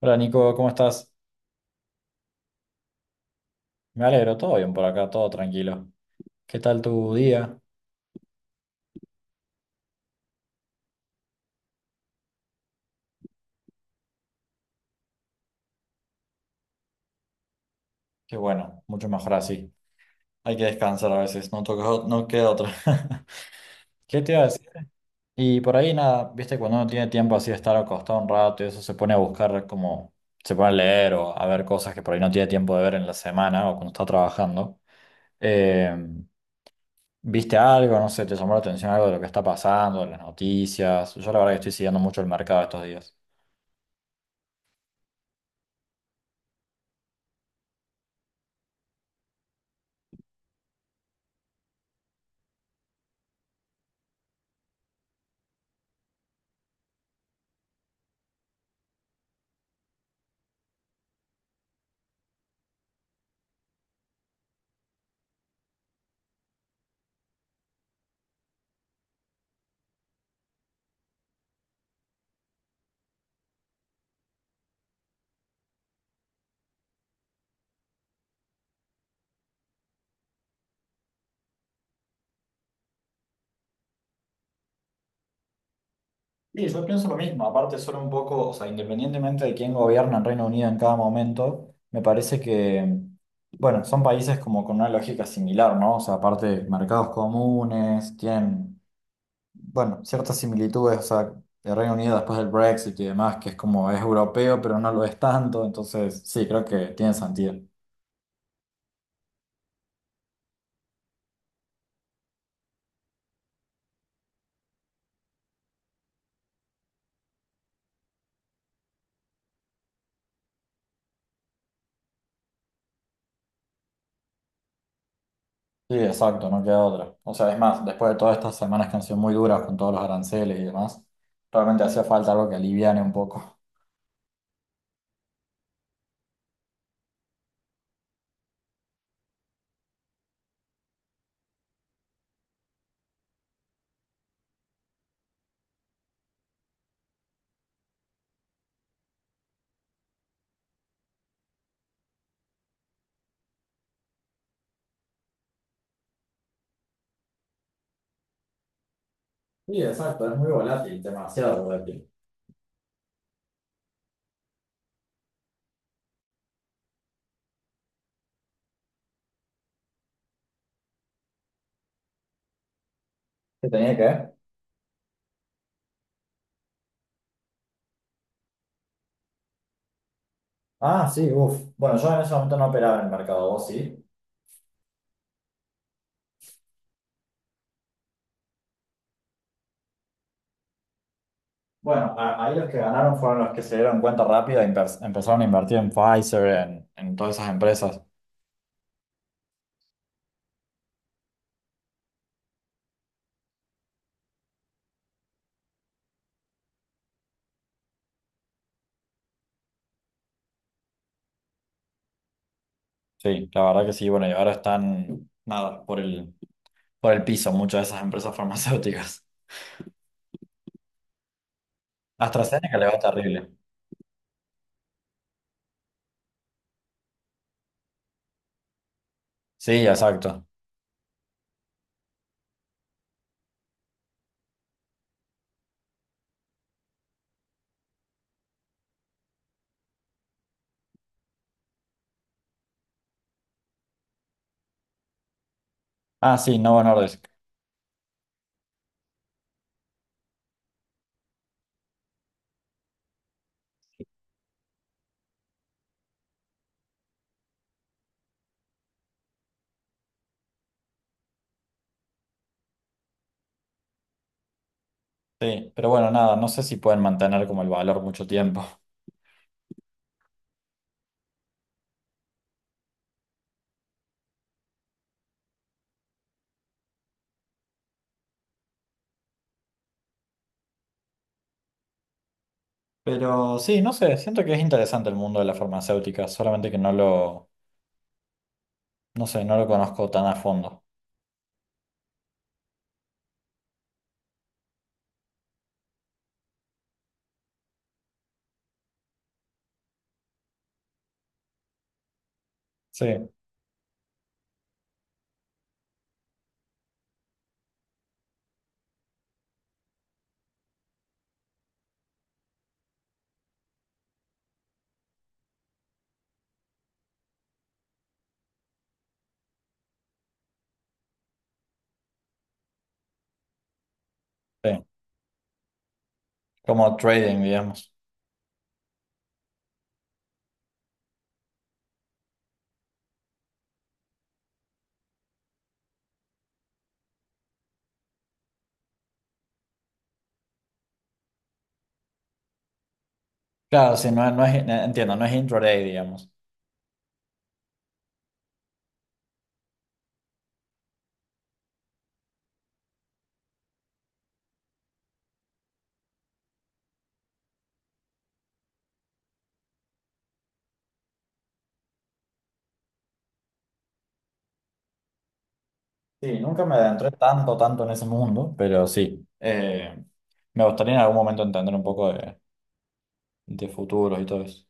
Hola Nico, ¿cómo estás? Me alegro, todo bien por acá, todo tranquilo. ¿Qué tal tu día? Qué bueno, mucho mejor así. Hay que descansar a veces, no toca, no queda otra. ¿Qué te iba a decir? Y por ahí nada, viste, cuando uno tiene tiempo así de estar acostado un rato y eso se pone a buscar como, se pone a leer o a ver cosas que por ahí no tiene tiempo de ver en la semana o cuando está trabajando. Eh, ¿Viste algo? No sé, ¿te llamó la atención algo de lo que está pasando, de las noticias? Yo la verdad que estoy siguiendo mucho el mercado estos días. Sí, yo pienso lo mismo. Aparte, son un poco, o sea, independientemente de quién gobierna en Reino Unido en cada momento, me parece que, bueno, son países como con una lógica similar, ¿no? O sea, aparte, mercados comunes, tienen, bueno, ciertas similitudes, o sea, el Reino Unido después del Brexit y demás, que es como es europeo, pero no lo es tanto, entonces sí, creo que tiene sentido. Sí, exacto, no queda otra. O sea, es más, después de todas estas semanas que han sido muy duras con todos los aranceles y demás, realmente hacía falta algo que aliviane un poco. Sí, exacto, es muy volátil, demasiado volátil. ¿Qué tenía que ver? Ah, sí, uff. Bueno, yo en ese momento no operaba en el mercado, ¿vos sí? Bueno, ahí los que ganaron fueron los que se dieron cuenta rápido e empezaron a invertir en Pfizer, en todas esas empresas. Sí, la verdad que sí, bueno, y ahora están, nada, por el piso muchas de esas empresas farmacéuticas. AstraZeneca le va terrible. Sí, exacto. Ah, sí, Novo Nordisk. Sí, pero bueno, nada, no sé si pueden mantener como el valor mucho tiempo. Pero sí, no sé, siento que es interesante el mundo de la farmacéutica, solamente que no sé, no lo conozco tan a fondo. Sí, sí, como trading, digamos. Claro, sí, no, no es, entiendo, no es intraday, digamos. Sí, nunca me adentré tanto en ese mundo, pero sí, me gustaría en algún momento entender un poco de futuros y todo eso.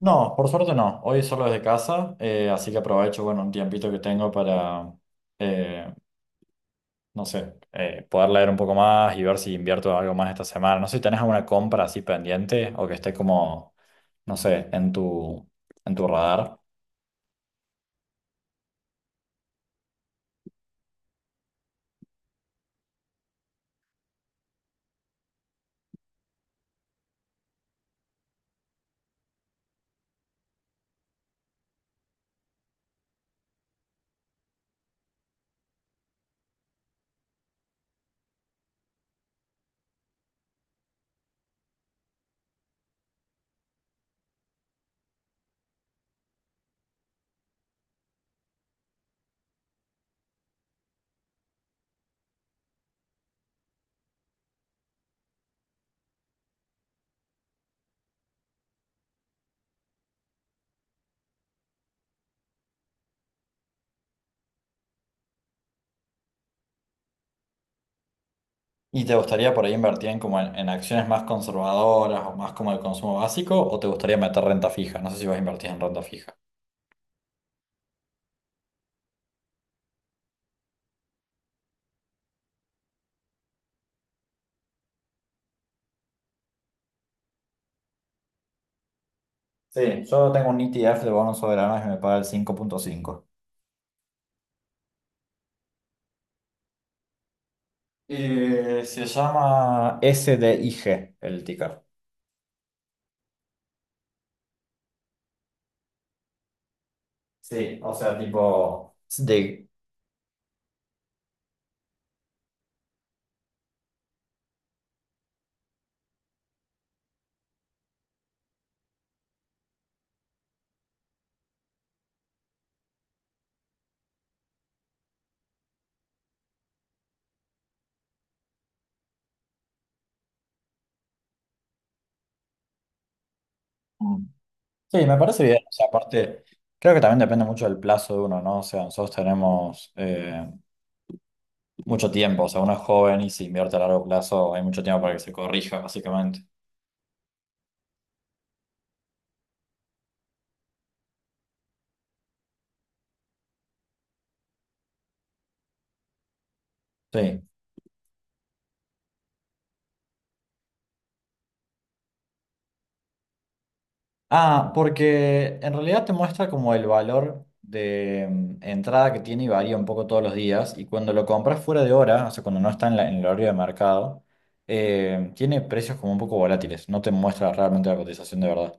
No, por suerte no, hoy solo desde casa, así que aprovecho, bueno, un tiempito que tengo para, eh, no sé, poder leer un poco más y ver si invierto algo más esta semana. No sé si tenés alguna compra así pendiente o que esté como, no sé, en tu radar. ¿Y te gustaría por ahí invertir en, como en acciones más conservadoras o más como el consumo básico o te gustaría meter renta fija? No sé si vas a invertir en renta fija. Sí, yo tengo un ETF de bonos soberanos que me paga el 5,5. Se llama SDIG el ticker. Sí, o sea, tipo de, sí, me parece bien. O sea, aparte, creo que también depende mucho del plazo de uno, ¿no? O sea, nosotros tenemos mucho tiempo. O sea, uno es joven y si invierte a largo plazo hay mucho tiempo para que se corrija, básicamente. Sí. Ah, porque en realidad te muestra como el valor de entrada que tiene y varía un poco todos los días. Y cuando lo compras fuera de hora, o sea, cuando no está en, en el horario de mercado, tiene precios como un poco volátiles. No te muestra realmente la cotización de verdad.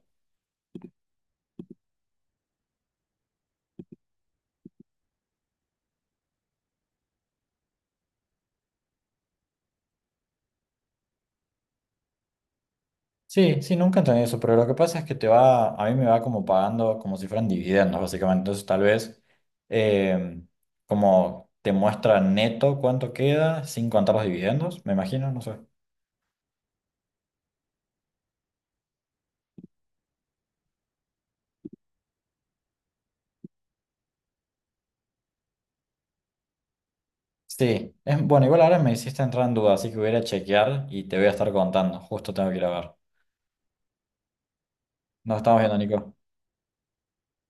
Sí, sí, nunca entendí eso, pero lo que pasa es que te va, a mí me va como pagando como si fueran dividendos, básicamente. Entonces, tal vez eh, como te muestra neto cuánto queda sin contar los dividendos, me imagino, no sé. Sí, es, bueno, igual ahora me hiciste entrar en duda, así que voy a ir a chequear y te voy a estar contando. Justo tengo que ir a ver. Nos estamos viendo, Nico.